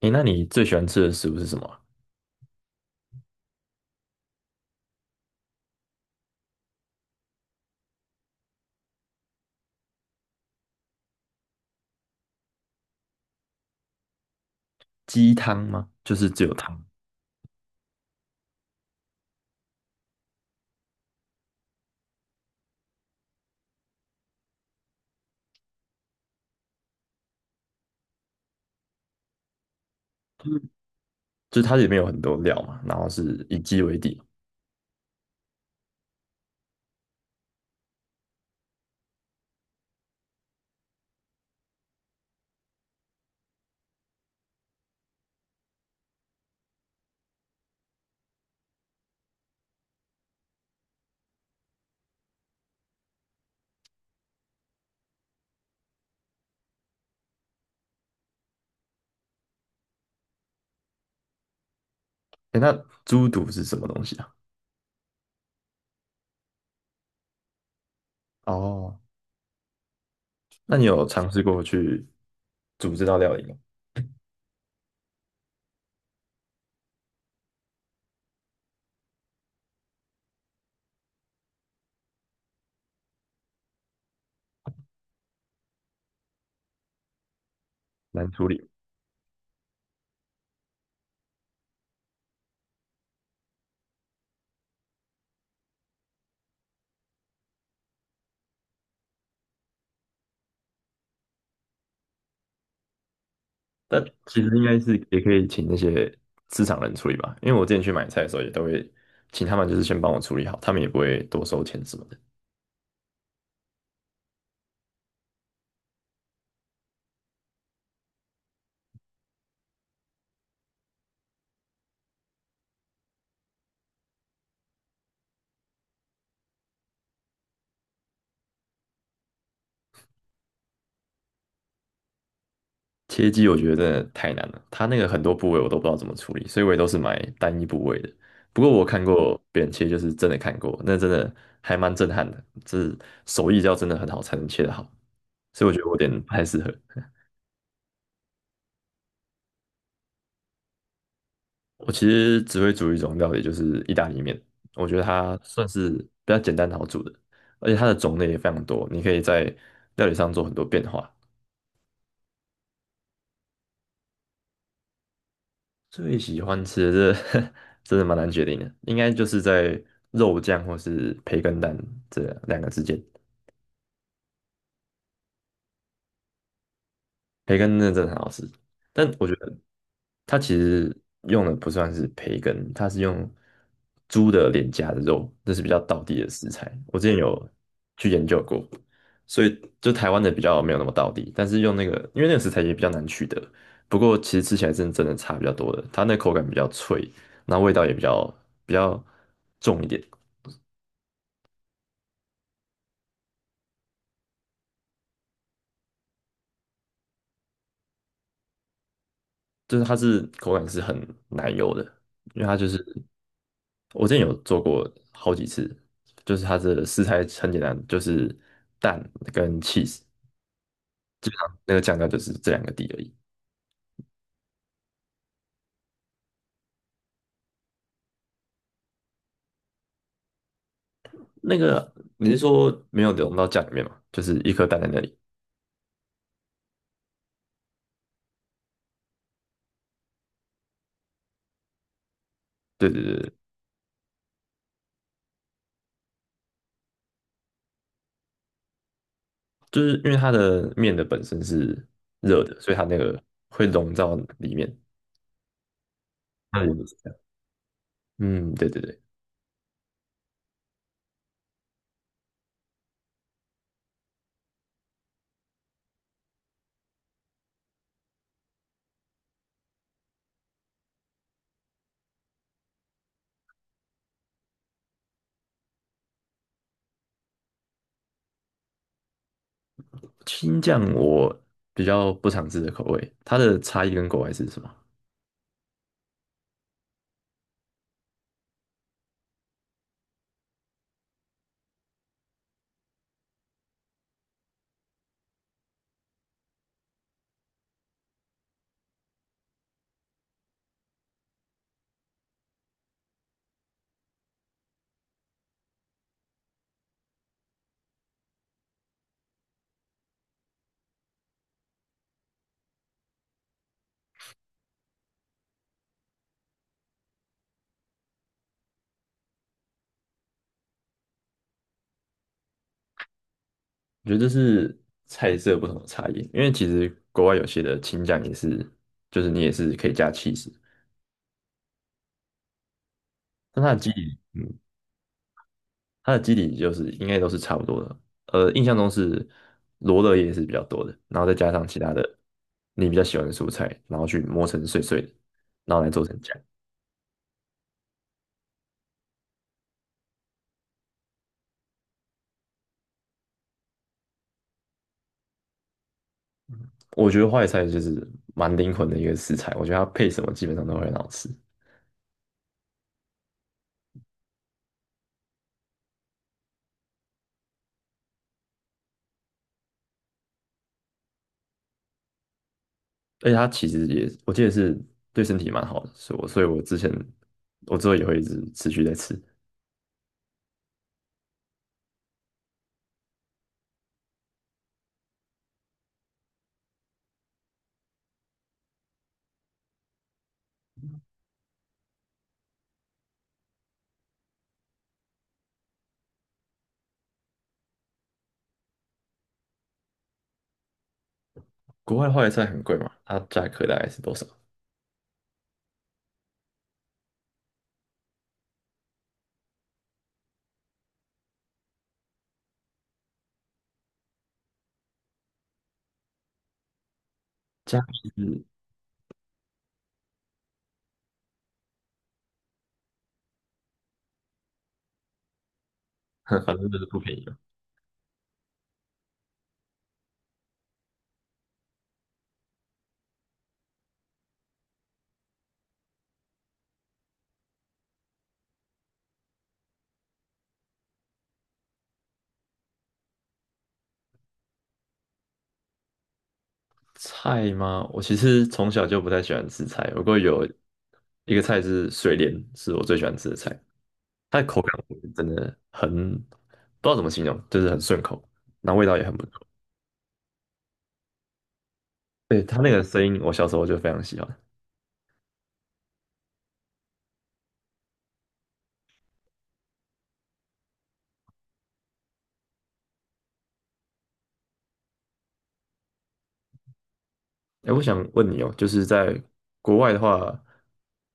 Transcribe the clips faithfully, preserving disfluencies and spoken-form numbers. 诶，那你最喜欢吃的食物是什么啊。鸡汤吗？就是只有汤，嗯就是它里面有很多料嘛，然后是以鸡为底。诶，那猪肚是什么东西啊？哦，那你有尝试过去煮这道料理吗？难处理。但其实应该是也可以请那些市场人处理吧，因为我之前去买菜的时候也都会请他们，就是先帮我处理好，他们也不会多收钱什么的。切鸡我觉得真的太难了，它那个很多部位我都不知道怎么处理，所以我也都是买单一部位的。不过我看过别人切，就是真的看过，那真的还蛮震撼的，这手艺要真的很好才能切得好，所以我觉得我有点不太适合。我其实只会煮一种料理，就是意大利面。我觉得它算是比较简单好煮的，而且它的种类也非常多，你可以在料理上做很多变化。最喜欢吃的这 真的蛮难决定的，应该就是在肉酱或是培根蛋这两个之间。培根真的真的很好吃，但我觉得它其实用的不算是培根，它是用猪的脸颊的肉，这是比较道地的食材。我之前有去研究过，所以就台湾的比较没有那么道地，但是用那个，因为那个食材也比较难取得，不过其实吃起来真的真的差比较多的，它那口感比较脆，然后味道也比较比较重一点。就是它是口感是很奶油的，因为它就是我之前有做过好几次，就是它的食材很简单，就是蛋跟 cheese，那个酱料就是这两个底而已。那个你是说没有融到酱里面吗？就是一颗蛋在那里。对对对，就是因为它的面的本身是热的，所以它那个会融到里面。那原理是这样。嗯，对对对。青酱我比较不常吃的口味，它的差异跟国外是什么？我觉得这是菜色不同的差异，因为其实国外有些的青酱也是，就是你也是可以加 c h 但它的基底，嗯，它的基底就是应该都是差不多的。呃，印象中是罗勒叶是比较多的，然后再加上其他的你比较喜欢的蔬菜，然后去磨成碎碎的，然后来做成酱。我觉得花坏菜就是蛮灵魂的一个食材，我觉得它配什么基本上都会很好吃。而且它其实也，我记得是对身体蛮好的，所以我所以我之前我之后也会一直持续在吃。国外的花椰菜很贵嘛，它价格大概是多少？价格是，反正就是不便宜了。菜吗？我其实从小就不太喜欢吃菜，不过有一个菜是水莲，是我最喜欢吃的菜，它的口感我觉得真的很，不知道怎么形容，就是很顺口，然后味道也很不错。对，它那个声音，我小时候就非常喜欢。哎，我想问你哦，就是在国外的话，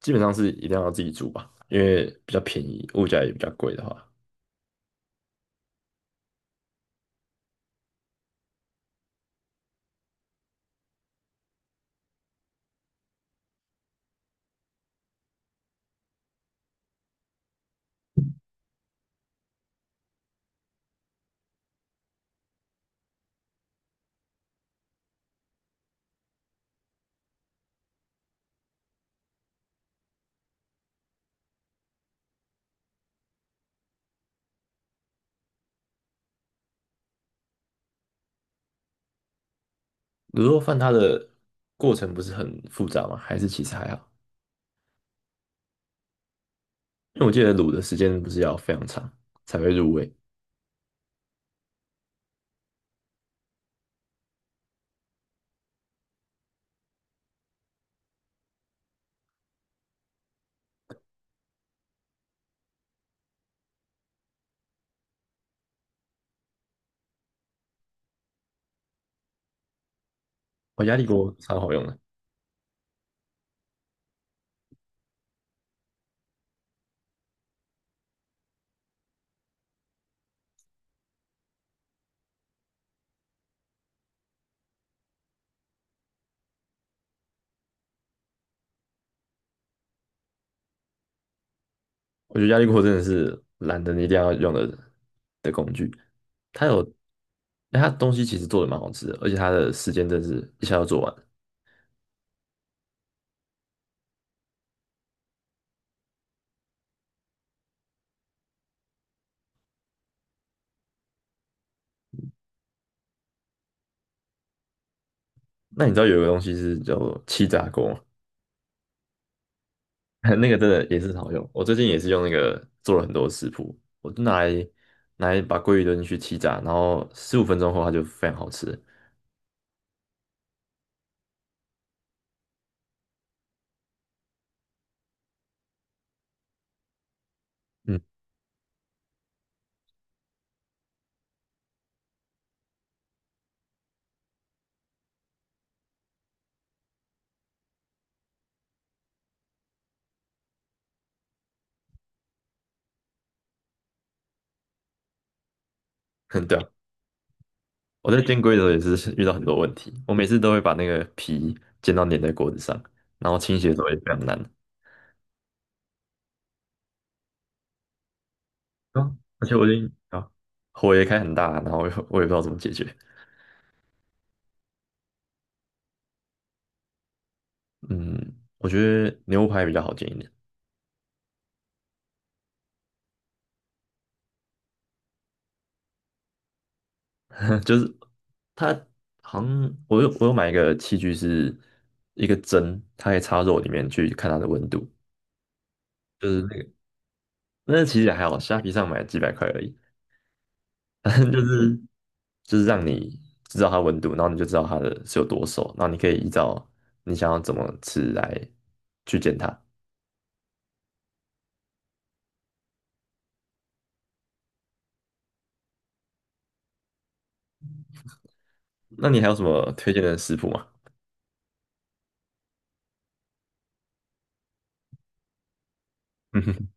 基本上是一定要自己煮吧，因为比较便宜，物价也比较贵的话。卤肉饭它的过程不是很复杂吗？还是其实还好？因为我记得卤的时间不是要非常长才会入味。我压力锅超好用的。我觉得压力锅真的是懒人一定要用的的工具。它有，哎它东西其实做的蛮好吃的，而且它的时间真的是一下就做完。那你知道有一个东西是叫做气炸锅吗？ 那个真的也是好用。我最近也是用那个做了很多食谱，我就拿来拿来把鲑鱼丢进去气炸，然后十五分钟后它就非常好吃。嗯。对啊，我在煎龟的时候也是遇到很多问题，我每次都会把那个皮煎到粘在锅子上，然后清洗的时候也非常难。啊，而且我已经啊，火也开很大，然后我也我也不知道怎么解决。嗯，我觉得牛排比较好煎一点。就是它好像我有我有买一个器具是一个针，它可以插肉里面去看它的温度，就是那个那其实也还好，虾皮上买几百块而已，但是就是就是让你知道它温度，然后你就知道它的是有多熟，然后你可以依照你想要怎么吃来去煎它。那你还有什么推荐的食谱吗？